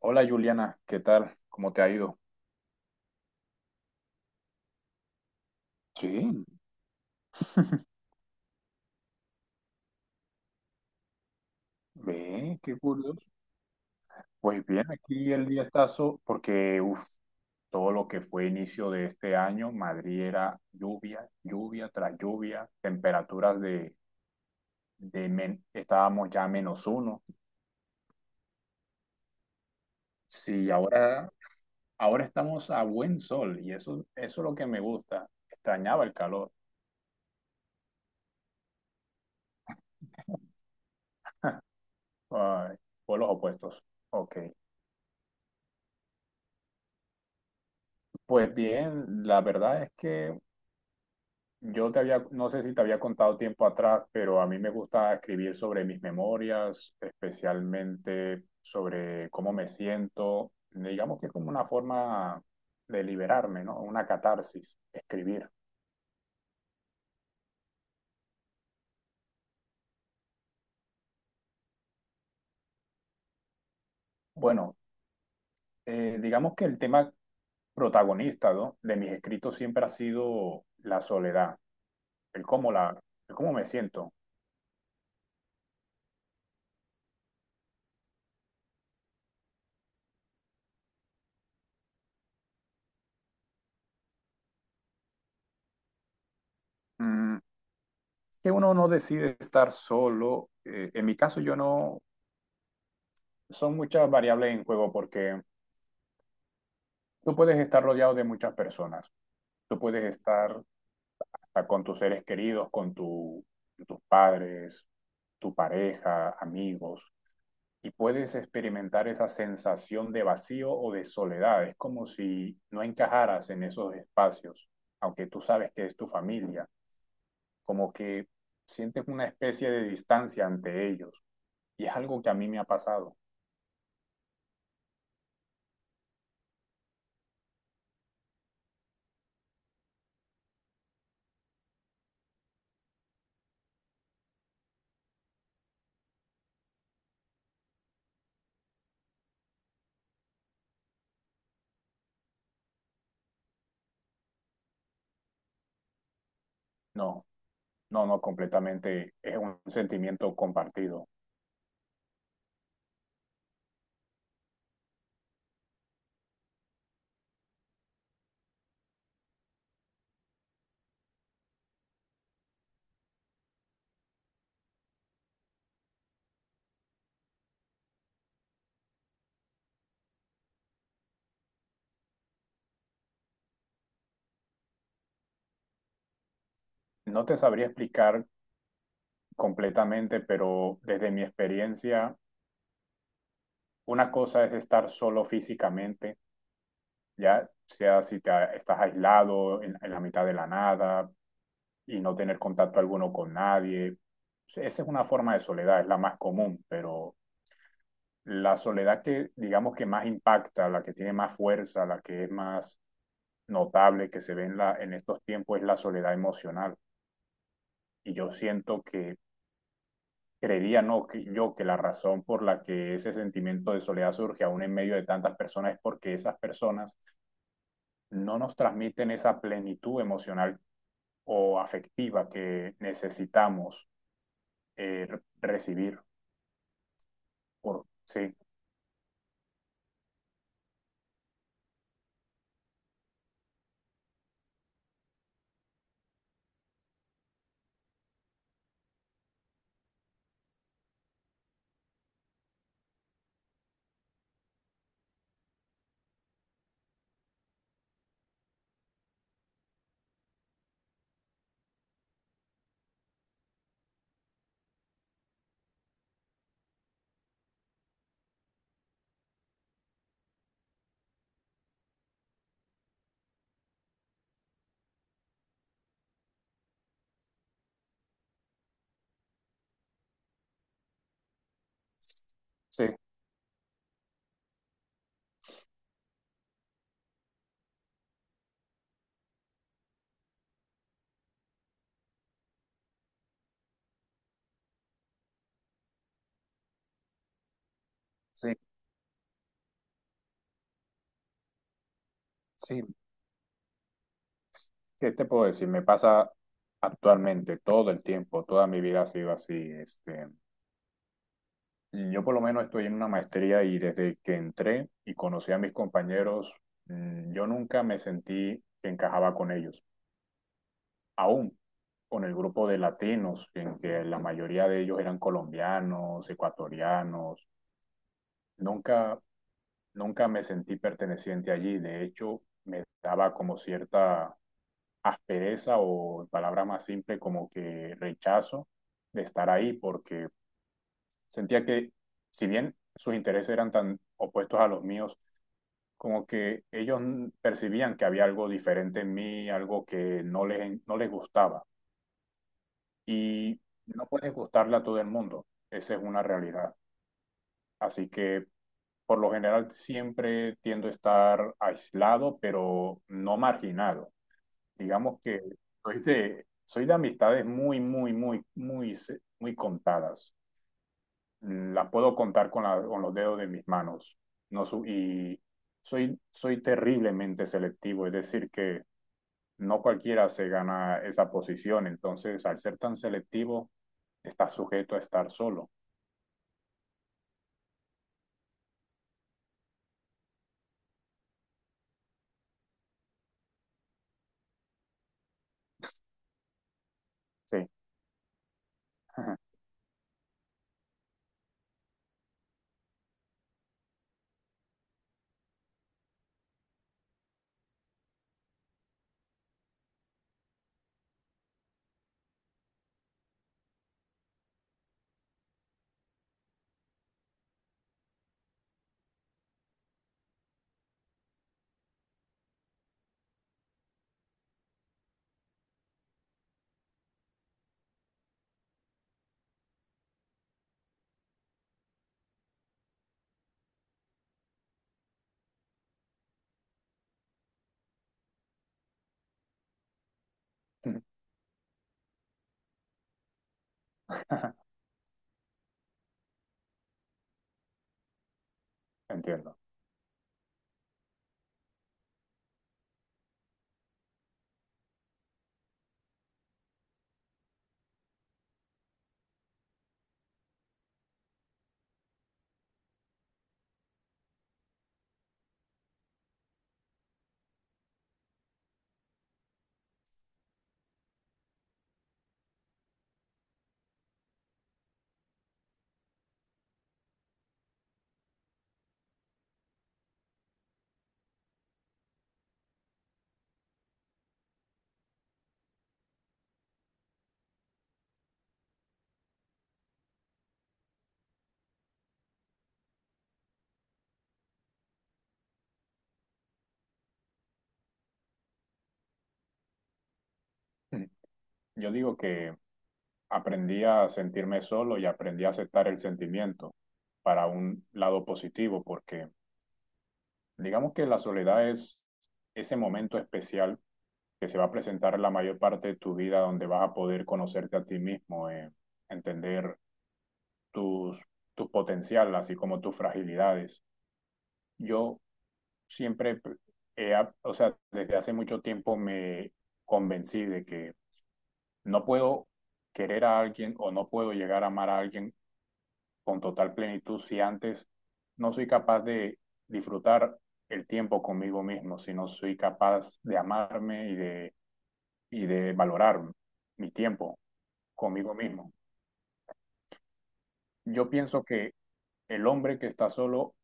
Hola, Juliana, ¿qué tal? ¿Cómo te ha ido? Sí, ve, qué curioso. Pues bien, aquí el diestazo, porque uf, todo lo que fue inicio de este año, Madrid era lluvia, lluvia tras lluvia, temperaturas estábamos ya a menos uno. Sí, ahora estamos a buen sol y eso es lo que me gusta. Extrañaba el calor. Ay, polos opuestos. Ok. Pues bien, la verdad es que yo te había, no sé si te había contado tiempo atrás, pero a mí me gusta escribir sobre mis memorias, especialmente sobre cómo me siento. Digamos que es como una forma de liberarme, ¿no? Una catarsis, escribir. Bueno, digamos que el tema protagonista, ¿no?, de mis escritos siempre ha sido la soledad, el el cómo me siento. Mm, que uno no decide estar solo. En mi caso, yo no, son muchas variables en juego porque tú puedes estar rodeado de muchas personas. Tú puedes estar con tus seres queridos, con tus padres, tu pareja, amigos, y puedes experimentar esa sensación de vacío o de soledad. Es como si no encajaras en esos espacios, aunque tú sabes que es tu familia, como que sientes una especie de distancia ante ellos. Y es algo que a mí me ha pasado. No, no, no, completamente. Es un sentimiento compartido. No te sabría explicar completamente, pero desde mi experiencia, una cosa es estar solo físicamente, ya sea si te, a- estás aislado en la mitad de la nada y no tener contacto alguno con nadie. Sí, esa es una forma de soledad, es la más común, pero la soledad que digamos que más impacta, la que tiene más fuerza, la que es más notable que se ve en estos tiempos es la soledad emocional. Y yo siento que creería no, que- yo que la razón por la que ese sentimiento de soledad surge aún en medio de tantas personas es porque esas personas no nos transmiten esa plenitud emocional o afectiva que necesitamos eh, recibir. Sí, sí, sí, sí. ¿Qué te puedo decir? Me pasa actualmente todo el tiempo, toda mi vida ha sido así, este. Yo por lo menos estoy en una maestría y desde que entré y conocí a mis compañeros, yo nunca me sentí que encajaba con ellos. Aún con el grupo de latinos, en que la mayoría de ellos eran colombianos, ecuatorianos, nunca, nunca me sentí perteneciente allí. De hecho, me daba como cierta aspereza o, en palabras más simples, como que rechazo de estar ahí porque sentía que, si bien sus intereses eran tan opuestos a los míos, como que ellos percibían que había algo diferente en mí, algo que no les gustaba. Y no puedes gustarle a todo el mundo, esa es una realidad. Así que por lo general siempre tiendo a estar aislado, pero no marginado. Digamos que soy de amistades muy, muy, muy, muy contadas. Las puedo contar con los dedos de mis manos. No su- y soy, soy terriblemente selectivo, es decir, que no cualquiera se gana esa posición, entonces, al ser tan selectivo, estás sujeto a estar solo. Sí, entiendo. Yo digo que aprendí a sentirme solo y aprendí a aceptar el sentimiento para un lado positivo, porque digamos que la soledad es ese momento especial que se va a presentar en la mayor parte de tu vida, donde vas a poder conocerte a ti mismo, entender tus, tu potencial, así como tus fragilidades. Yo siempre, he ap- o sea, desde hace mucho tiempo me convencí de que no puedo querer a alguien o no puedo llegar a amar a alguien con total plenitud si antes no soy capaz de disfrutar el tiempo conmigo mismo, si no soy capaz de amarme y de valorar mi tiempo conmigo mismo. Yo pienso que el hombre que está solo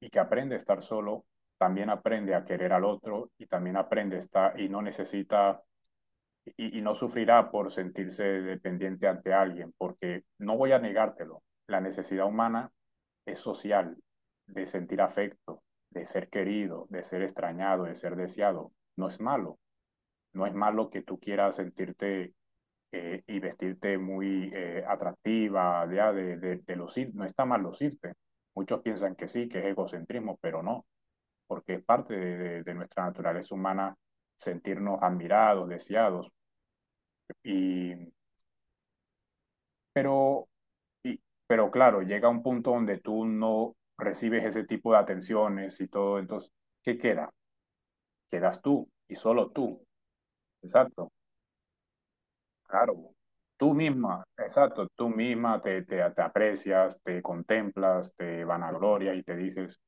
y que aprende a estar solo, también aprende a querer al otro y también aprende a estar y no necesita y no sufrirá por sentirse dependiente ante alguien, porque no voy a negártelo, la necesidad humana es social, de sentir afecto, de ser querido, de ser extrañado, de ser deseado. No es malo, no es malo que tú quieras sentirte y vestirte muy atractiva, ya, de lucir, no está mal lucirte. Muchos piensan que sí, que es egocentrismo, pero no, porque es parte de nuestra naturaleza humana sentirnos admirados, deseados. Y Pero, y- pero claro, llega un punto donde tú no recibes ese tipo de atenciones y todo, entonces, ¿qué queda? Quedas tú y solo tú. Exacto, claro. Tú misma, exacto, tú misma te aprecias, te contemplas, te vanaglorias y te dices,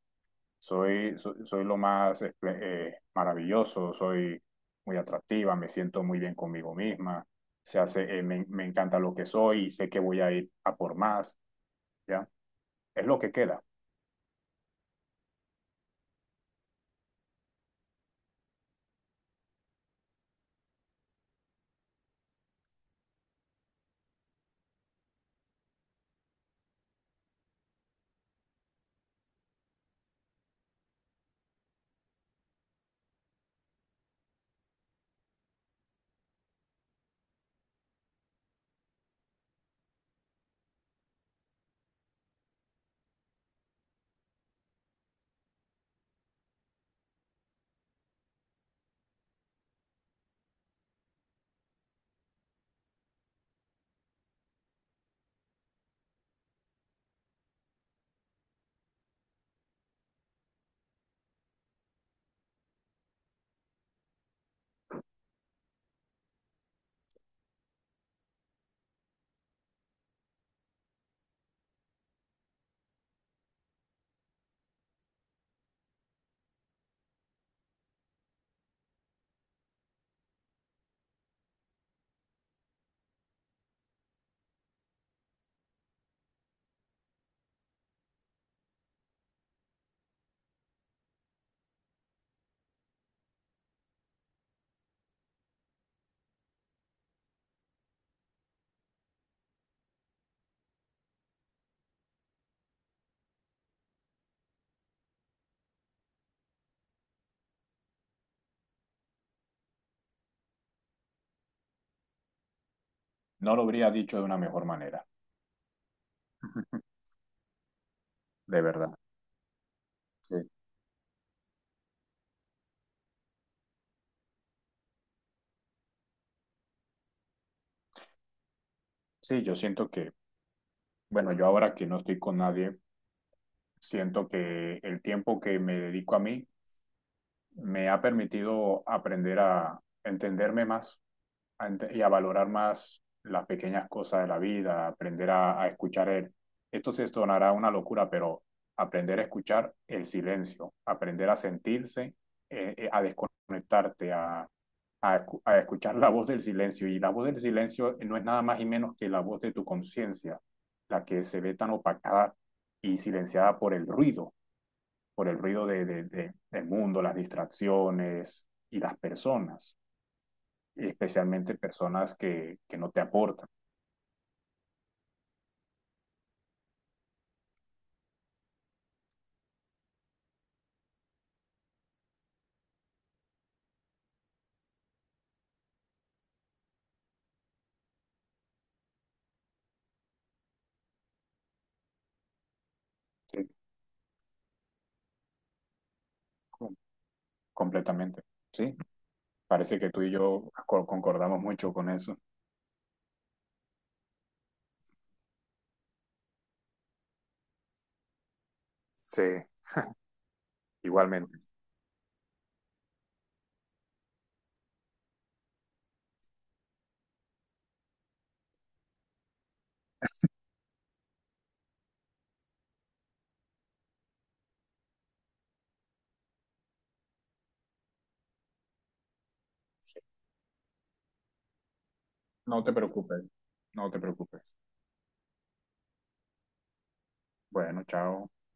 soy lo más maravilloso, soy muy atractiva, me siento muy bien conmigo misma, se hace, me encanta lo que soy y sé que voy a ir a por más, ¿ya? Es lo que queda. No lo habría dicho de una mejor manera, de verdad. Sí. Sí, yo siento que, bueno, yo ahora que no estoy con nadie, siento que el tiempo que me dedico a mí me ha permitido aprender a entenderme más y a valorar más las pequeñas cosas de la vida, aprender a escuchar el… Esto se sonará una locura, pero aprender a escuchar el silencio, aprender a sentirse, a desconectarte, a escuchar la voz del silencio. Y la voz del silencio no es nada más y menos que la voz de tu conciencia, la que se ve tan opacada y silenciada por el ruido del mundo, las distracciones y las personas, especialmente personas que no te aportan. ¿Sí? Completamente. Sí, parece que tú y yo concordamos mucho con eso. Sí, igualmente. Sí. No te preocupes, no te preocupes. Bueno, chao.